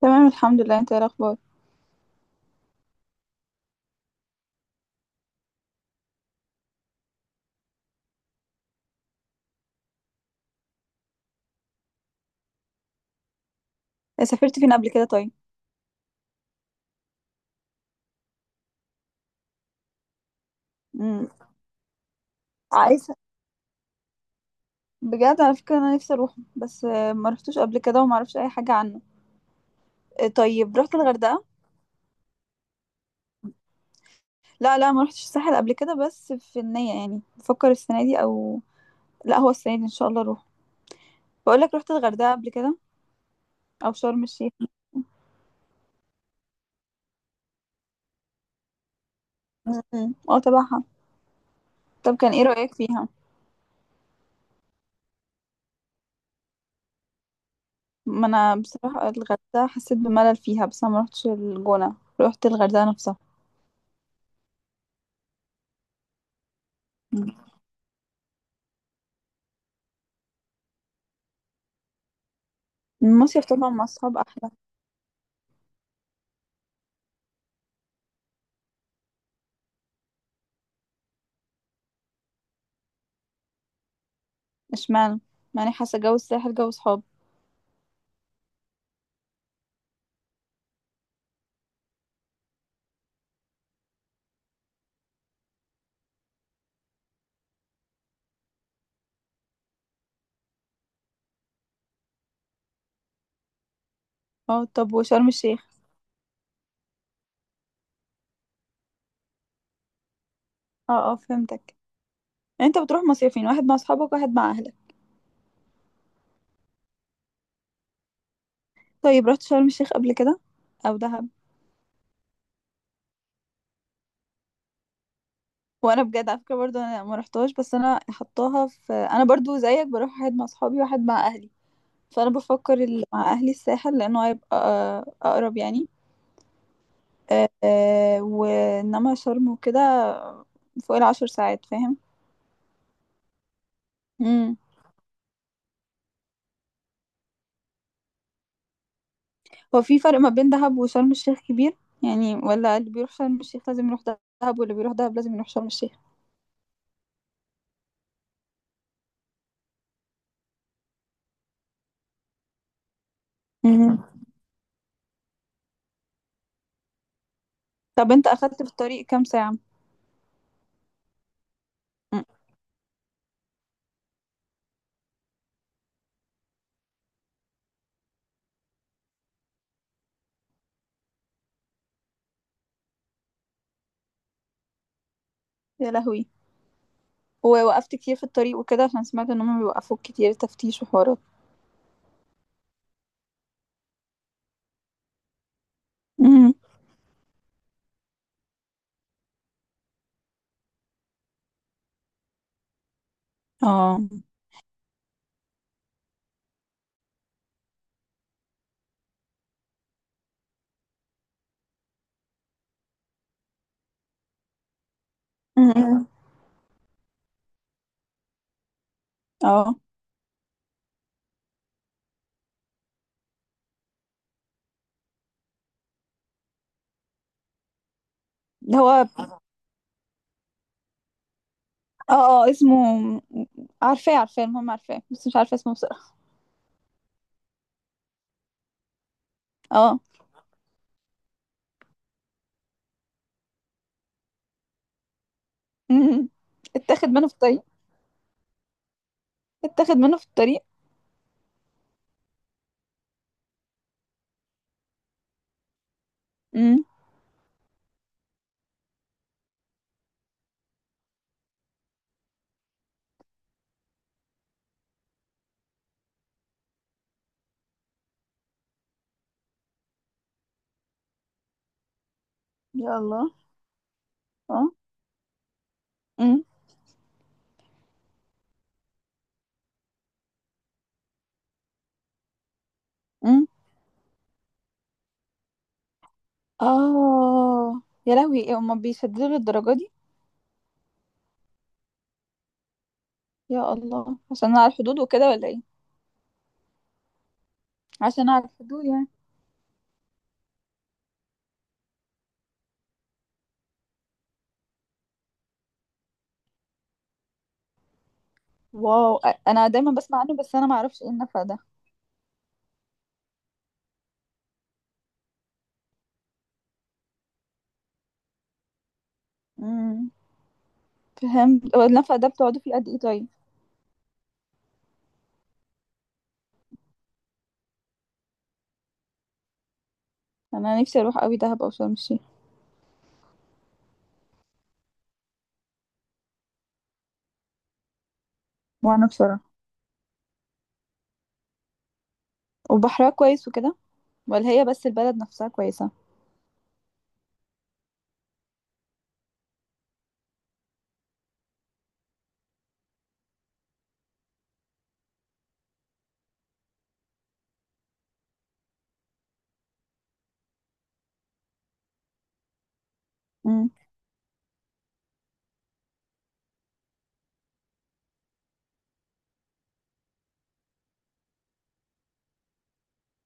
تمام، الحمد لله. انت ايه الاخبار؟ إيه، سافرت فين قبل كده طيب؟ امم. عايزه. بجد على فكره انا نفسي اروح، بس ما رحتوش قبل كده وما اعرفش اي حاجه عنه. آه، طيب، رحت الغردقه؟ لا، لا، ما رحتش الساحل قبل كده، بس في النيه. يعني بفكر السنه دي او لا، هو السنه دي ان شاء الله اروح. بقول لك، رحت الغردقه قبل كده؟ او شرم الشيخ؟ امم، اه، تبعها. طب، كان ايه رايك فيها؟ ما انا بصراحه الغردقه حسيت بملل فيها، بس انا ما رحتش الجونه، رحت الغردقه نفسها. مم. المصيف طبعا مع الصحاب احلى. اشمعنى؟ معني حاسه جو الساحل جو صحاب. اه، طب، وشرم الشيخ؟ اه اه، فهمتك. يعني انت بتروح مصيفين، واحد مع اصحابك واحد مع اهلك؟ طيب، رحت شرم الشيخ قبل كده؟ او دهب؟ وانا بجد على فكره برضو، انا ما رحتهاش، بس انا حطاها في، انا برضو زيك بروح واحد مع اصحابي واحد مع اهلي. فانا بفكر اللي مع اهلي الساحل لانه هيبقى اقرب يعني. وانما شرم وكده فوق العشر ساعات. فاهم. هو في فرق ما بين دهب وشرم الشيخ كبير؟ يعني، ولا اللي بيروح شرم الشيخ لازم يروح دهب، واللي بيروح دهب لازم يروح شرم الشيخ؟ مهم. طب، انت اخدت في الطريق كام ساعة؟ مم. يا لهوي. ووقفت كتير في الطريق وكده عشان سمعت ان هم بيوقفوك كتير، تفتيش وحوارات. مهم. اه. مهم. اه. ده هو، اه. اه، اسمه. عارفاه، عارفاه، المهم عارفاه، بس مش عارفه اسمه بصراحة. اه. مم. اتاخد منه في الطريق؟ اتاخد منه في الطريق؟ امم. يا الله. اه. امم. اه. يا لهوي، ايه، هما بيسددوا للدرجة دي؟ يا الله، عشان على الحدود وكده، ولا ايه؟ عشان على الحدود يعني؟ واو، انا دايما بسمع عنه، بس انا ما اعرفش ايه النفق ده. امم. فهمت. هو النفق ده بتقعدوا فيه قد ايه طيب؟ انا نفسي اروح قوي دهب او شرم الشيخ. وانا بصراحة. وبحرها كويس وكده؟ ولا هي بس البلد نفسها كويسة؟ امم.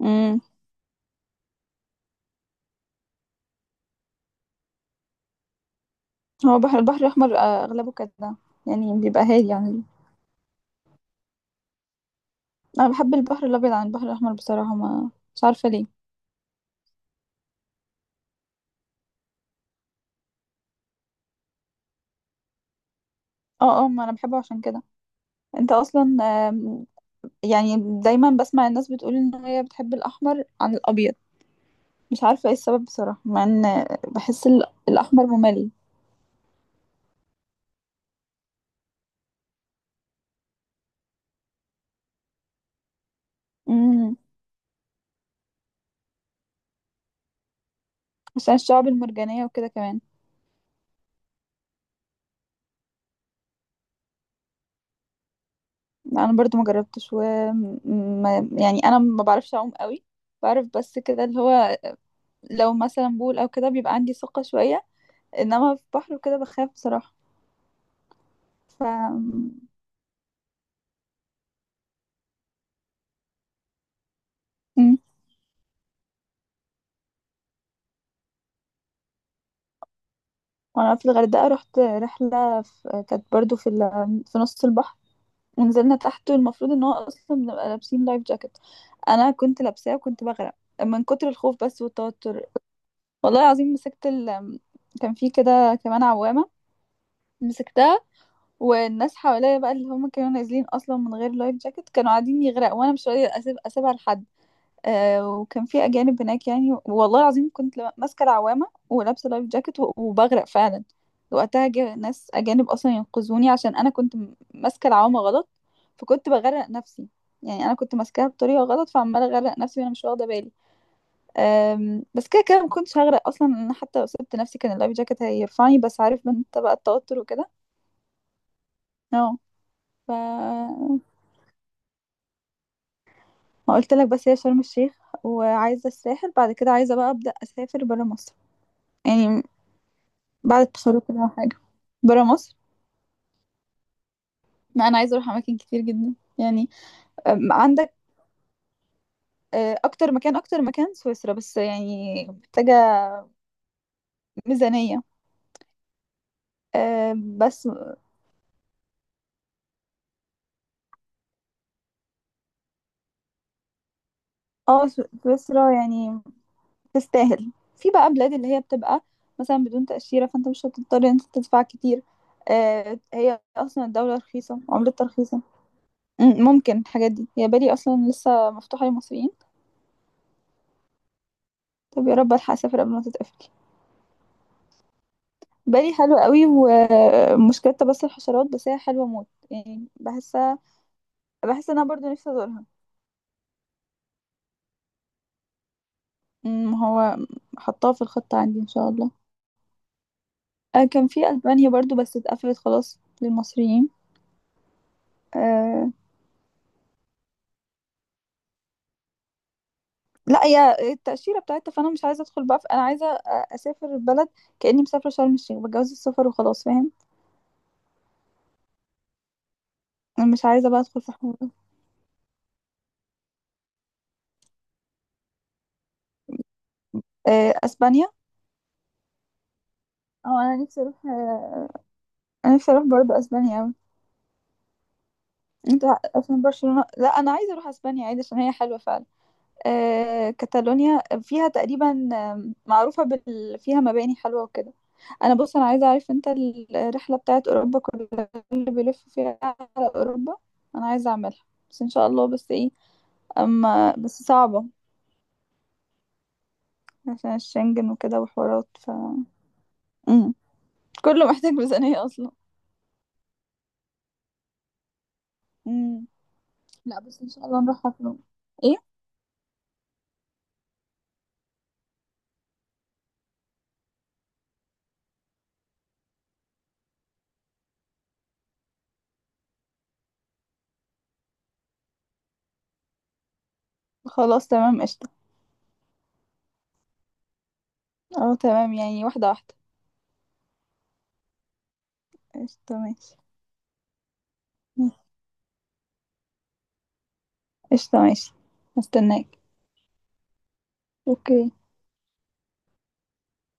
امم. هو بحر البحر الاحمر، اغلبه كده. يعني بيبقى هادي يعني. انا بحب البحر الابيض عن البحر الاحمر بصراحة، ما مش عارفة ليه. اه اه، ما انا بحبه عشان كده. انت اصلا. آم، يعني، دايما بسمع الناس بتقول ان هي بتحب الاحمر عن الابيض. مش عارفه ايه السبب بصراحه، مع ان بحس الاحمر ممل. امم. عشان الشعب المرجانيه وكده كمان. انا برضو ما جربتش، و يعني انا ما بعرفش اعوم قوي. بعرف بس كده، اللي هو لو مثلا بول او كده بيبقى عندي ثقه شويه، انما في بحر وكده بخاف بصراحه. ف امم. وانا في الغردقه رحت رحله، كانت برضو في نص البحر. ونزلنا تحت. المفروض ان هو اصلا بنبقى لابسين لايف جاكيت. انا كنت لابساه وكنت بغرق من كتر الخوف بس والتوتر. والله العظيم مسكت كان في كده كمان عوامة. مسكتها. والناس حواليا بقى اللي هم كانوا نازلين اصلا من غير لايف جاكيت كانوا قاعدين يغرقوا، وانا مش راضية اسيبها لحد. وكان في اجانب هناك يعني، والله العظيم كنت ماسكه العوامه ولابسه لايف جاكيت وبغرق فعلا. وقتها جه ناس اجانب اصلا ينقذوني عشان انا كنت ماسكه العوامه غلط. فكنت بغرق نفسي. يعني انا كنت ماسكاها بطريقه غلط فعماله اغرق نفسي وانا مش واخده بالي. بس كده كده ما كنتش هغرق اصلا، انا حتى لو سبت نفسي كان اللايف جاكيت هيرفعني، بس عارف من انت بقى التوتر وكده. اه. ف ما قلت لك، بس هي شرم الشيخ. وعايزه الساحل. بعد كده عايزه بقى ابدا اسافر برا مصر، يعني بعد التخرج كده أو حاجة. برا مصر. ما أنا عايزة أروح أماكن كتير جدا يعني. عندك، أكتر مكان سويسرا، بس يعني محتاجة ميزانية. بس اه، سويسرا يعني تستاهل. في بقى بلاد اللي هي بتبقى مثلا بدون تأشيرة، فأنت مش هتضطر إن أنت تدفع كتير. هي أصلا الدولة رخيصة، عملتها رخيصة. ممكن الحاجات دي، هي بالي أصلا لسه مفتوحة للمصريين. طب يا رب ألحق أسافر قبل ما تتقفل. بالي حلو قوي، ومشكلتها بس الحشرات، بس هي حلوة موت يعني، بحسها. بحس ان انا برضو نفسي ازورها. هو حطاها في الخطة عندي ان شاء الله. كان في ألبانيا برضو، بس اتقفلت خلاص للمصريين. أه. لا، هي التأشيرة بتاعتها، فأنا مش عايزة أدخل بقى في، أنا عايزة أسافر البلد كأني مسافرة شرم الشيخ، بتجوز السفر وخلاص، فاهم؟ أنا مش عايزة بقى أدخل في حوار. أه، أسبانيا. أه أنا نفسي أروح آه، أنا نفسي أروح برضو أسبانيا أوي. أنت. عشان برشلونة، لا أنا عايزة أروح أسبانيا عادي عشان هي حلوة فعلا. كاتالونيا فيها تقريبا، معروفة فيها مباني حلوة وكده. أنا بص، أنا عايزة أعرف أنت الرحلة بتاعت أوروبا كلها اللي بيلف فيها على أوروبا، أنا عايزة أعملها. بس إن شاء الله، بس إيه، أما بس صعبة عشان الشنجن وكده وحوارات. مم. كله محتاج ميزانية أصلا. مم. لا بس إن شاء الله نروحها في يوم. إيه. خلاص، تمام، قشطة. أه، تمام يعني، واحدة واحدة. قشطة، ماشي. قشطة، ماشي. هستناك. اوكي.